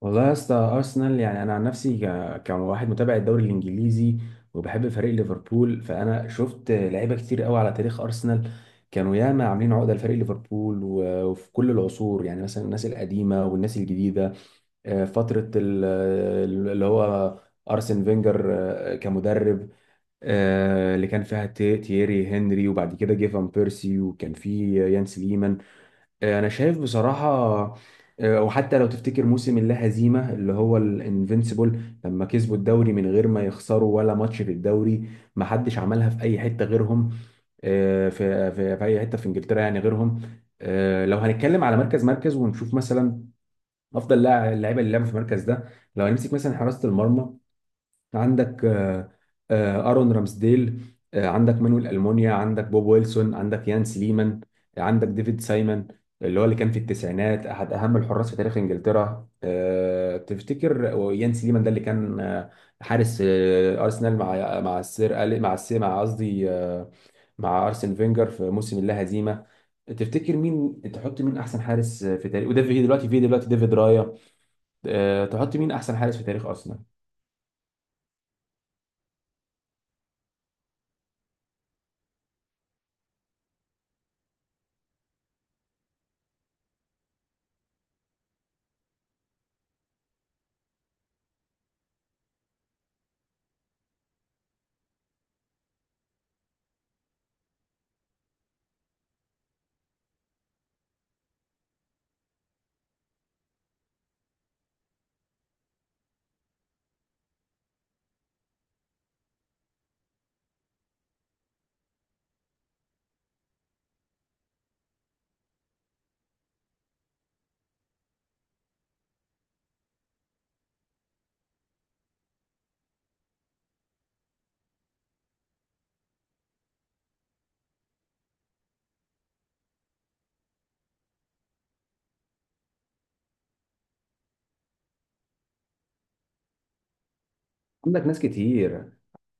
والله يا اسطى ارسنال، يعني انا عن نفسي كواحد متابع الدوري الانجليزي وبحب فريق ليفربول، فانا شفت لعيبه كتير قوي على تاريخ ارسنال. كانوا ياما عاملين عقده لفريق ليفربول وفي كل العصور، يعني مثلا الناس القديمه والناس الجديده. فتره اللي هو ارسن فينجر كمدرب، اللي كان فيها تييري هنري، وبعد كده جه فان بيرسي، وكان في يان سليمان. انا شايف بصراحه، وحتى لو تفتكر موسم اللا هزيمه اللي هو الانفينسيبل، لما كسبوا الدوري من غير ما يخسروا ولا ماتش في الدوري، ما حدش عملها في اي حته غيرهم، في اي حته في انجلترا يعني غيرهم. لو هنتكلم على مركز ونشوف مثلا افضل اللاعيبه اللي لعبوا في المركز ده. لو هنمسك مثلا حراسه المرمى، عندك ارون رامسديل، عندك مانويل المونيا، عندك بوب ويلسون، عندك يان سليمان، عندك ديفيد سايمون اللي هو اللي كان في التسعينات احد اهم الحراس في تاريخ انجلترا. تفتكر يان سليمان ده اللي كان حارس ارسنال مع السير مع السير، مع قصدي مع ارسن فينجر في موسم اللا هزيمه. تفتكر مين تحط؟ مين احسن حارس في تاريخ؟ وده في دلوقتي، في دلوقتي ديفيد رايا. تحط مين احسن حارس في تاريخ ارسنال؟ عندك ناس كتير،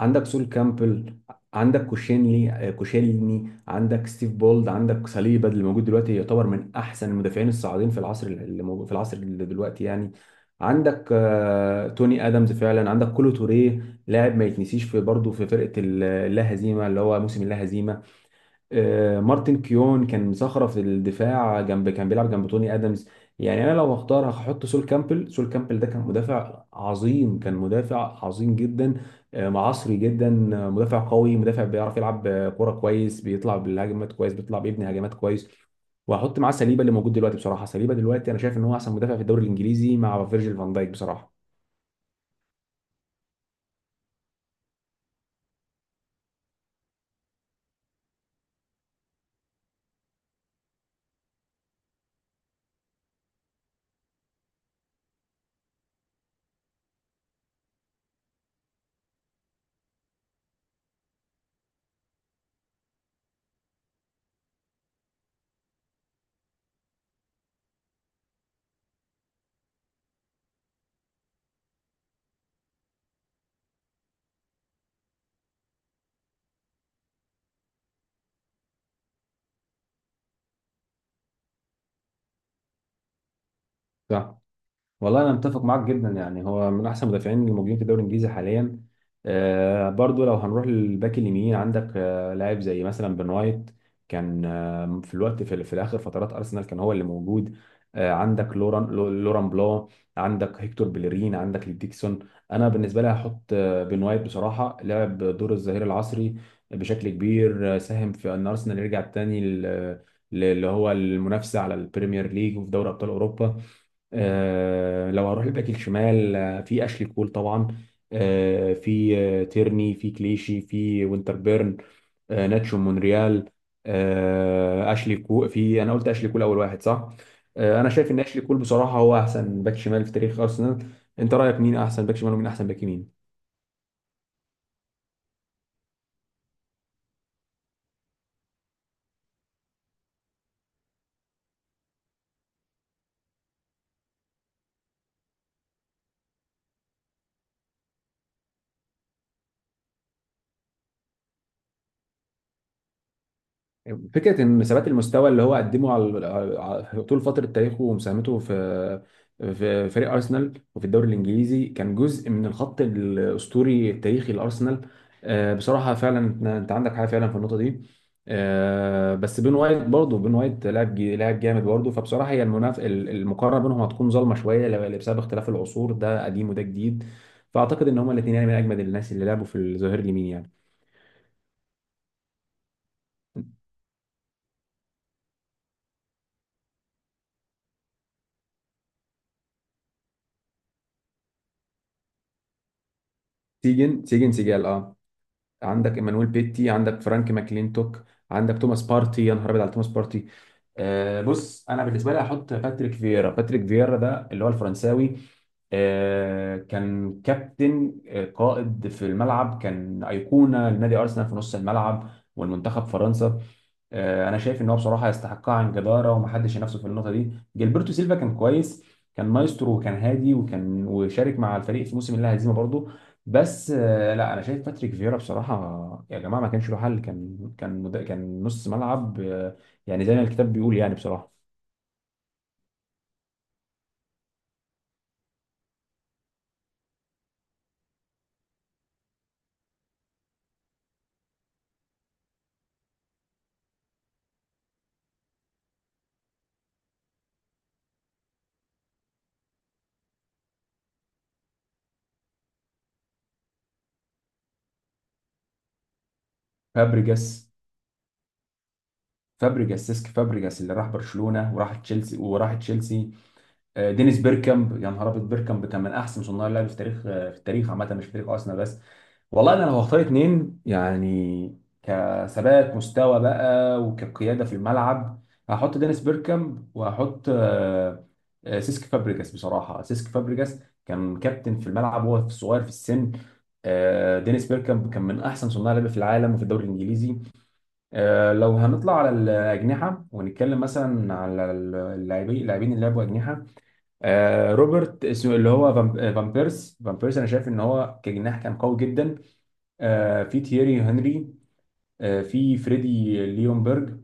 عندك سول كامبل، عندك كوشينلي، كوشيلني، عندك ستيف بولد، عندك صليبا اللي موجود دلوقتي، يعتبر من احسن المدافعين الصاعدين في العصر اللي موجود، في العصر اللي دلوقتي يعني. عندك توني ادمز فعلا، عندك كولو توريه لاعب ما يتنسيش في برضه في فرقه اللا هزيمه اللي هو موسم اللا هزيمه. مارتن كيون كان صخرة في الدفاع جنب، كان بيلعب جنب توني ادمز. يعني انا لو هختار هحط سول كامبل. سول كامبل ده كان مدافع عظيم، كان مدافع عظيم جدا، معصري جدا، مدافع قوي، مدافع بيعرف يلعب كرة كويس، بيطلع بالهجمات كويس، بيطلع بيبني هجمات كويس. وهحط معاه سليبا اللي موجود دلوقتي. بصراحة سليبا دلوقتي انا شايف ان هو احسن مدافع في الدوري الانجليزي مع فيرجيل فان دايك بصراحة. صح، والله انا متفق معاك جدا، يعني هو من احسن المدافعين اللي موجودين في الدوري الانجليزي حاليا. آه، برضو لو هنروح للباك اليمين، عندك آه، لاعب زي مثلا بن وايت، كان آه، في الاخر فترات ارسنال كان هو اللي موجود. آه، عندك لوران لوران بلو، عندك هيكتور بيلرين، عندك ديكسون. انا بالنسبه لي هحط آه، بن وايت بصراحه، لعب دور الظهير العصري بشكل كبير، ساهم في ان ارسنال يرجع تاني اللي هو المنافسه على البريمير ليج وفي دوري ابطال اوروبا. لو هروح الباك الشمال، في اشلي كول طبعا، آه، في آه، تيرني، في كليشي، في وينتربيرن، ناتشو مونريال. اشلي كول، في انا قلت اشلي كول اول واحد صح. انا شايف ان اشلي كول بصراحه هو احسن باك شمال في تاريخ ارسنال. انت رايك مين احسن باك شمال ومين احسن باك يمين؟ فكرة إن ثبات المستوى اللي هو قدمه على طول فترة تاريخه ومساهمته في فريق أرسنال وفي الدوري الإنجليزي، كان جزء من الخط الأسطوري التاريخي لأرسنال. بصراحة فعلا، أنت عندك حاجة فعلا في النقطة دي. بس بين وايت برضه، بين وايت لاعب لاعب جامد برضه. فبصراحة هي المقارنة بينهم هتكون ظالمة شوية بسبب اختلاف العصور، ده قديم وده جديد. فأعتقد إن هما الاتنين يعني من أجمد الناس اللي لعبوا في الظهير اليمين يعني. سيجن سيجال، اه. عندك ايمانويل بيتي، عندك فرانك ماكلينتوك، عندك توماس بارتي. يا نهار ابيض على توماس بارتي. بص انا بالنسبه لي هحط باتريك فييرا. باتريك فييرا ده اللي هو الفرنساوي، كان كابتن، قائد في الملعب، كان ايقونه لنادي ارسنال في نص الملعب والمنتخب فرنسا. انا شايف ان هو بصراحه يستحقها عن جداره، ومحدش ينافسه في النقطه دي. جilberto سيلفا كان كويس، كان مايسترو وكان هادي، وكان وشارك مع الفريق في موسم اللا هزيمه برضه. بس لا، انا شايف باتريك فييرا بصراحه يا جماعه ما كانش له حل. كان كان نص ملعب، يعني زي ما الكتاب بيقول يعني بصراحه. فابريجاس. سيسك فابريجاس اللي راح برشلونه وراح تشيلسي وراح تشيلسي. دينيس بيركامب، يا نهار ابيض، بيركامب كان من احسن صناع اللعب في تاريخ في التاريخ عامه، مش في تاريخ ارسنال بس. والله انا لو هختار اتنين يعني كثبات مستوى بقى وكقياده في الملعب، هحط دينيس بيركامب وهحط سيسك فابريجاس. بصراحه سيسك فابريجاس كان كابتن في الملعب وهو في صغير في السن. دينيس بيركامب كان من احسن صناع لعب في العالم وفي الدوري الانجليزي. لو هنطلع على الاجنحه ونتكلم مثلا على اللاعبين اللي لعبوا اجنحه، روبرت اسمه اللي هو فان بيرس، انا شايف ان هو كجناح كان قوي جدا. في تييري هنري، في فريدي ليونبرج،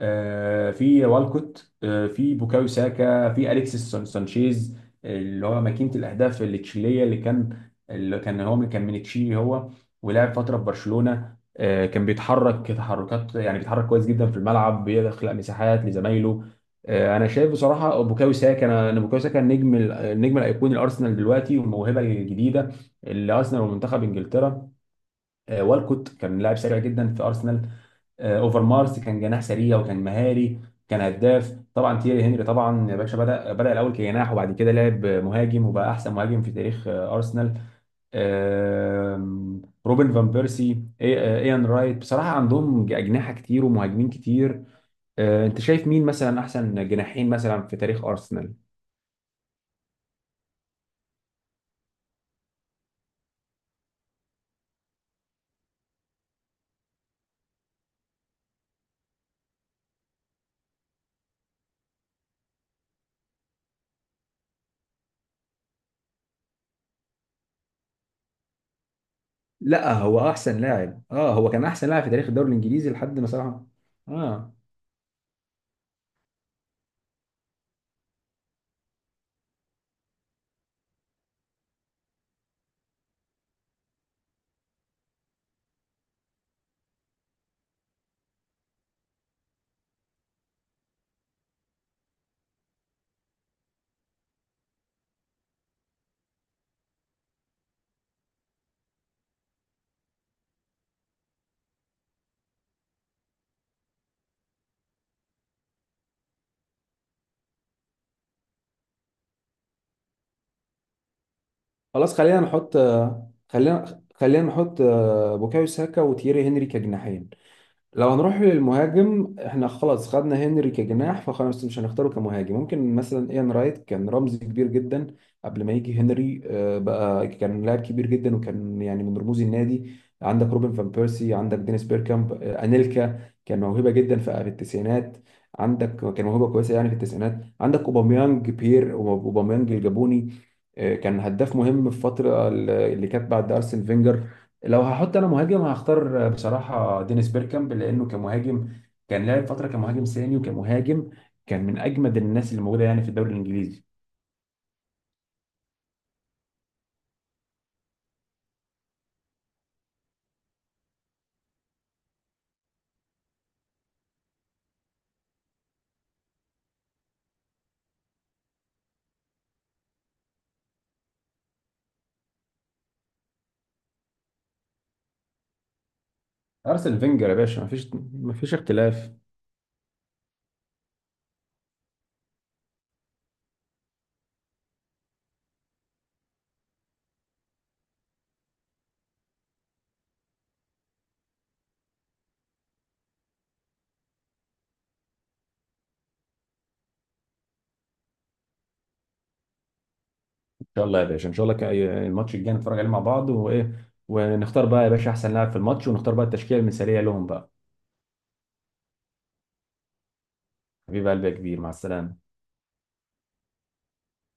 في والكوت، في بوكايو ساكا، في اليكسيس سانشيز اللي هو ماكينة الأهداف التشيلية، اللي كان هو من تشيلي هو، ولعب فترة في برشلونة. كان بيتحرك تحركات، يعني بيتحرك كويس جدا في الملعب، بيخلق مساحات لزمايله. انا شايف بصراحه بوكايو ساكا. أنا بوكايو ساكا النجم الايقوني الارسنال دلوقتي، والموهبه الجديده اللي ارسنال ومنتخب انجلترا. والكوت كان لاعب سريع جدا في ارسنال. اوفر مارس كان جناح سريع وكان مهاري، كان هداف. طبعا تيري هنري طبعا يا باشا بدا الاول كجناح، وبعد كده لعب مهاجم، وبقى احسن مهاجم في تاريخ ارسنال. روبن فان بيرسي، ايان رايت، بصراحه عندهم اجنحه كتير ومهاجمين كتير. انت شايف مين مثلا احسن جناحين مثلا في تاريخ ارسنال؟ لا، هو احسن لاعب، اه، هو كان احسن لاعب في تاريخ الدوري الانجليزي لحد ما صراحه. اه. خلاص خلينا نحط، خلينا نحط بوكايو ساكا وتييري هنري كجناحين. لو هنروح للمهاجم، احنا خلاص خدنا هنري كجناح، فخلاص مش هنختاره كمهاجم. ممكن مثلا ايان رايت كان رمز كبير جدا قبل ما يجي هنري، بقى كان لاعب كبير جدا، وكان يعني من رموز النادي. عندك روبن فان بيرسي، عندك دينيس بيركامب، انيلكا كان موهبة جدا في التسعينات. عندك كان موهبة كويسة يعني في التسعينات. عندك اوباميانج، بير اوباميانج الجابوني، كان هداف مهم في الفترة اللي كانت بعد ارسن فينجر. لو هحط انا مهاجم، هختار بصراحه دينيس بيركامب، لانه كمهاجم كان لعب فتره كمهاجم ثاني وكمهاجم، كان من اجمد الناس اللي موجوده يعني في الدوري الانجليزي. ارسنال فينجر يا باشا، مفيش اختلاف. ان شاء الله يا باشا، ان شاء الله، الماتش الجاي نتفرج عليه مع بعض، وايه، ونختار بقى يا باشا احسن لاعب في الماتش، ونختار بقى التشكيله المثاليه لهم بقى. حبيب قلبي يا كبير، مع السلامه.